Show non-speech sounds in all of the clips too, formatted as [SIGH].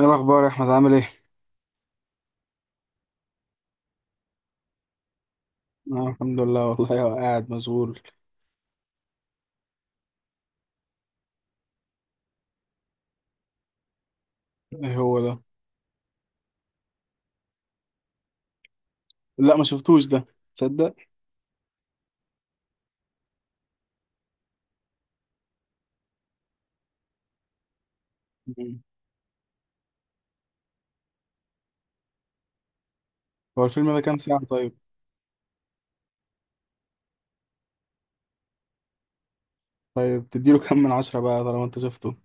ايه الاخبار يا احمد؟ عامل ايه؟ آه، الحمد لله والله. هو قاعد مشغول. ايه هو ده؟ لا، ما شفتوش ده. تصدق. مم. هو الفيلم ده كام ساعة طيب؟ طيب، تديله كام من عشرة بقى طالما انت شفته؟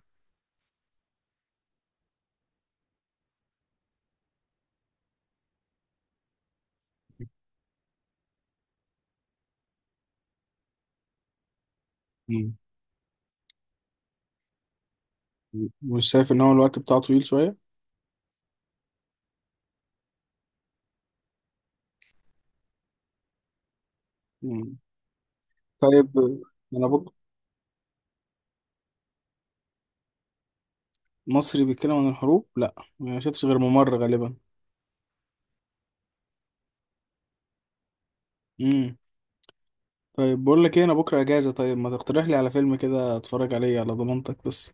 مم. مش شايف ان هو الوقت بتاعه طويل شوية؟ مم. طيب. انا بقى مصري بيتكلم عن الحروب، لا ما شفتش غير ممر غالبا. مم. طيب، بقول لك ايه، انا بكرة اجازة، طيب ما تقترح لي على فيلم كده اتفرج عليه على ضمانتك بس.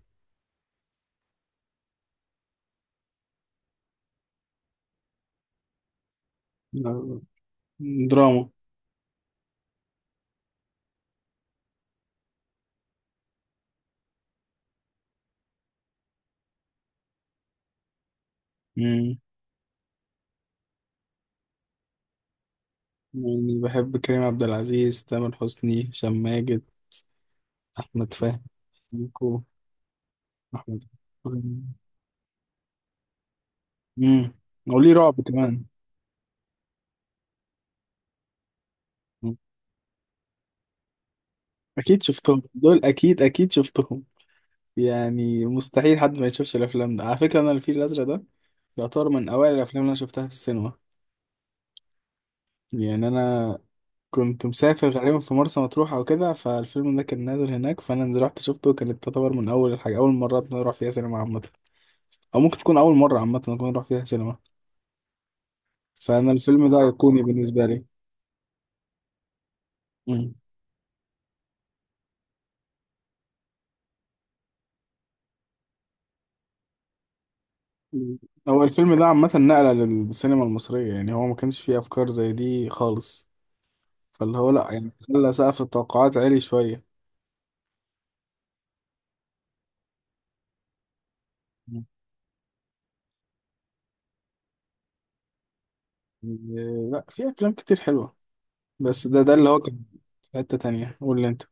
آه، دراما. يعني بحب كريم عبد العزيز، تامر حسني، هشام ماجد، أحمد فهمي، ميكو، أحمد. امم وليه رعب كمان. مم. أكيد شفتهم دول، أكيد أكيد شفتهم. يعني مستحيل حد ما يشوفش الأفلام ده. على فكرة أنا الفيل الأزرق ده يعتبر من أوائل الأفلام اللي أنا شفتها في السينما. يعني أنا كنت مسافر غالبا في مرسى مطروح أو كده، فالفيلم ده كان نازل هناك فأنا رحت شفته. كانت تعتبر من أول الحاجة، أول مرات أنا أروح فيها سينما عامة. أو ممكن تكون أول مرة عامة أكون أروح فيها سينما. فأنا الفيلم ده أيقوني بالنسبة لي. مم. هو الفيلم ده عامة نقلة للسينما المصرية، يعني هو ما كانش فيه أفكار زي دي خالص، فاللي هو لأ، يعني خلى سقف التوقعات عالي شوية. مم. إيه، لأ، في أفلام كتير حلوة. بس ده اللي هو كان في حتة تانية. قول لي أنت.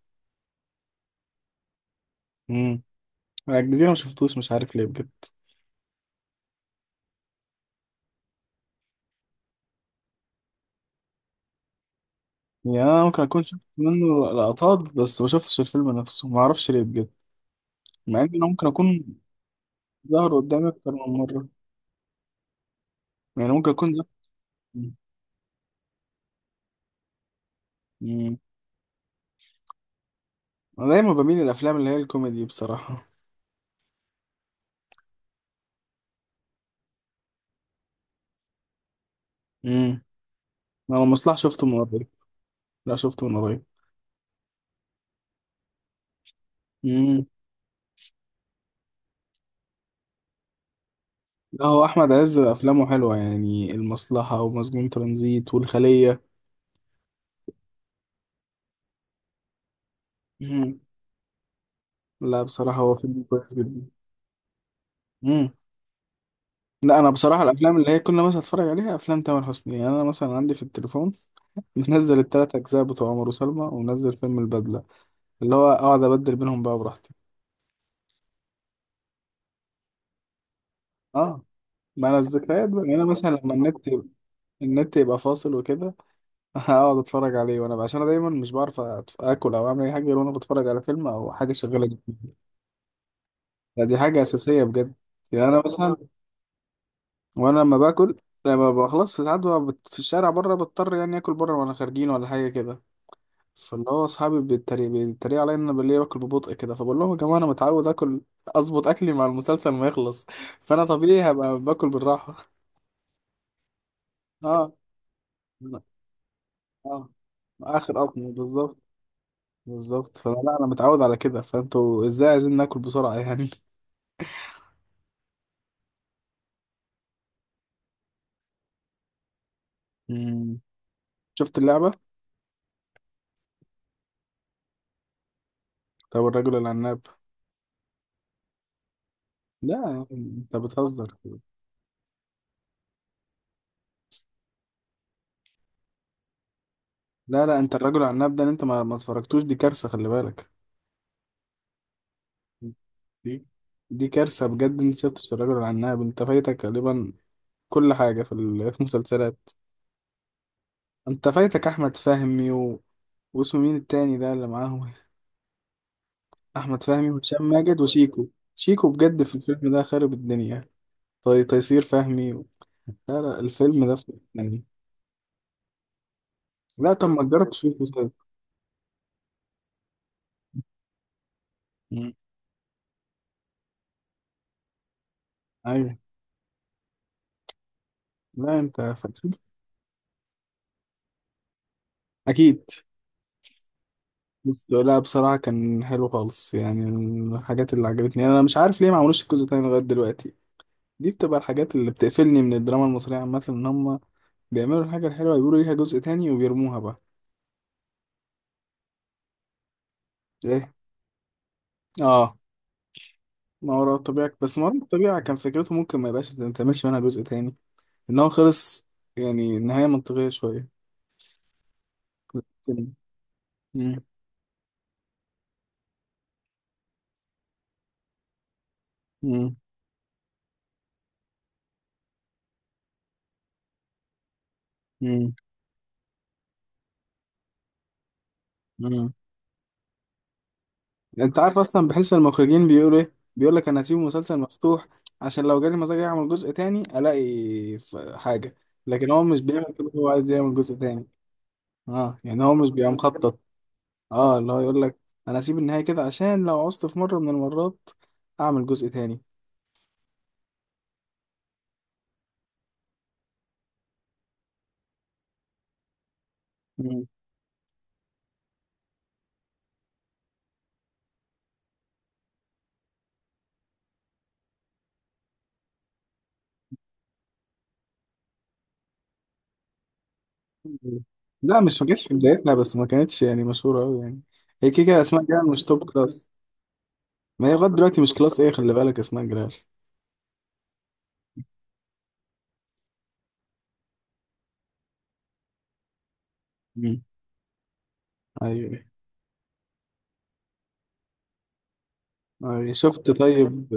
مم. أنا الجزيرة ما شفتوش، مش عارف ليه بجد. يعني أنا ممكن أكون شفت منه لقطات، بس ما شفتش الفيلم نفسه، ما أعرفش ليه بجد. مع إن أنا ممكن أكون ظهر قدامي أكتر من مرة. يعني ممكن أكون ده. انا دايما بميل للافلام اللي هي الكوميدي بصراحه. امم انا المصلح شفته من قريب. لا، شفته من قريب. امم لا، هو احمد عز افلامه حلوه، يعني المصلحه ومسجون ترانزيت والخليه. امم لا بصراحه هو فيلم كويس جدا. امم لا، انا بصراحه الافلام اللي هي كل ما اتفرج عليها افلام تامر حسني. يعني انا مثلا عندي في التليفون منزل التلات اجزاء بتوع عمر وسلمى، ومنزل فيلم البدله، اللي هو اقعد ابدل بينهم بقى براحتي. اه، ما انا الذكريات بقى. يعني انا مثلا لما النت النت يبقى فاصل وكده. [LAUGHS] اقعد اتفرج عليه وانا عشان انا دايما مش بعرف اكل او اعمل اي حاجه غير وانا بتفرج على فيلم او حاجه شغاله جدا. لا، دي حاجه اساسيه بجد. يعني انا مثلا وانا لما باكل، لما بخلص ساعات ببقى في الشارع بره، بضطر يعني اكل بره وانا خارجين ولا حاجه كده. فاللي هو اصحابي بيتريقوا عليا ان انا بالليل باكل ببطء كده. فبقول لهم يا جماعه انا متعود اكل، اظبط اكلي مع المسلسل ما يخلص. فانا طبيعي هبقى باكل بالراحه. [LAUGHS] اه، اه، اخر قطمه بالظبط. بالظبط. فانا لا، انا متعود على كده، فانتوا ازاي عايزين ناكل بسرعه يعني؟ مم. شفت اللعبه؟ طب الرجل العناب؟ لا يا عم، انت بتهزر. لا، لا، انت الرجل العناب ده، انت ما اتفرجتوش. دي كارثه، خلي بالك. دي دي كارثه بجد. انت شفتش الرجل العناب؟ انت فايتك غالبا كل حاجه في في المسلسلات. انت فايتك احمد فهمي واسمه مين التاني ده اللي معاهم؟ احمد فهمي وهشام ماجد وشيكو. شيكو بجد في الفيلم ده خارب الدنيا. طي تيسير فهمي. لا لا، الفيلم ده فيلم أجنبي. لا، طب ما تجرب تشوفه طيب. مم. ايوه. لا انت فاكر. اكيد. بس لا بصراحه كان حلو خالص، يعني من الحاجات اللي عجبتني. انا مش عارف ليه ما عملوش الجزء التاني لغايه دلوقتي. دي بتبقى الحاجات اللي بتقفلني من الدراما المصريه عامه، ان هم بيعملوا الحاجه الحلوه يقولوا ليها جزء تاني وبيرموها بقى. ايه. اه، ما وراء الطبيعه. بس ما وراء الطبيعه كان فكرته ممكن ما يبقاش، ما تعملش منها جزء تاني، ان هو خلص. يعني نهايه منطقيه شويه. مم. مم. مم. مم. انت عارف اصلا؟ بحس المخرجين بيقولوا ايه؟ بيقول لك انا هسيب المسلسل مفتوح عشان لو جالي مزاج اعمل جزء تاني الاقي حاجه. لكن هو مش بيعمل كده، هو عايز يعمل جزء تاني. اه، يعني هو مش بيبقى مخطط. اه، اللي هو يقول لك انا هسيب النهايه كده عشان لو عوزت في مره من المرات اعمل جزء تاني. مم. لا مش، ما كانتش في بدايتنا، بس ما كانتش يعني مشهوره قوي يعني. هي كده كده اسماء جلال مش توب كلاس. ما هي لغايه دلوقتي مش كلاس ايه، خلي بالك. اسماء جلال. مم. ايوه. ايوه شفت طيب.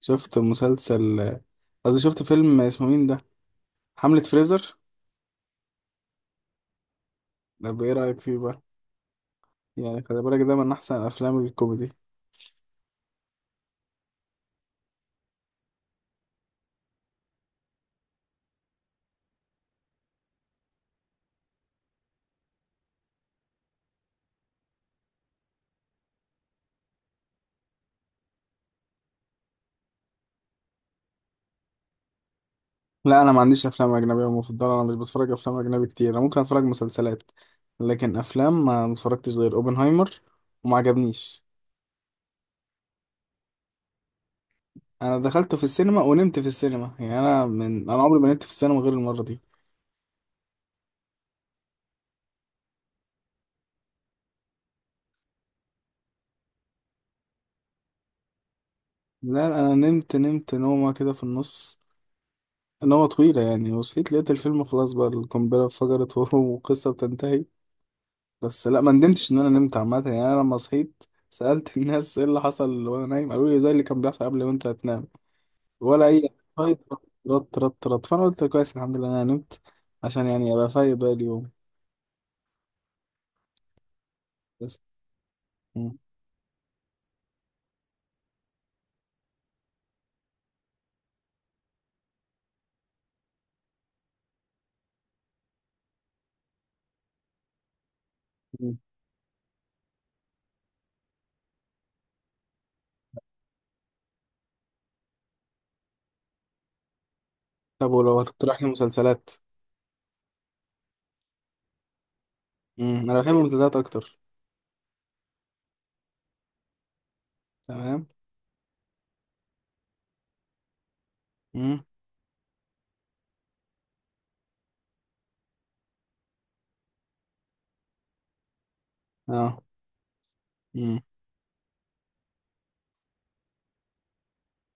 شفت مسلسل، قصدي شفت فيلم اسمه مين ده؟ حملة فريزر. طب ايه رأيك فيه بقى؟ يعني خلي بالك ده من احسن الافلام الكوميدي. لا انا ما عنديش افلام اجنبية مفضلة، انا مش بتفرج افلام اجنبي كتير. انا ممكن اتفرج مسلسلات، لكن افلام ما متفرجتش غير اوبنهايمر، وما عجبنيش. انا دخلته في السينما ونمت في السينما، يعني انا عمري ما نمت في السينما غير المرة دي. لا انا نمت، نمت نومة كده في النص. نومة طويلة يعني، وصحيت لقيت الفيلم خلاص بقى، القنبلة انفجرت، [LAUGHS] وقصة بتنتهي. بس لا، ما ندمتش ان انا نمت عامه، يعني انا لما صحيت سالت [LAUGHS] الناس ايه اللي حصل وانا نايم، قالوا لي زي اللي كان بيحصل قبل ما انت تنام. ولا اي. فايت. رط رط رط. فانا قلت كويس، الحمد لله انا نمت عشان يعني ابقى فايق بقى اليوم. بس. مم. مم. طب ولو هتقترح لي مسلسلات. مم. انا بحب المسلسلات اكتر. تمام. مم. اه. مم.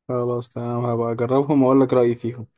خلاص تمام، هبقى اجربهم واقول لك رايي فيهم.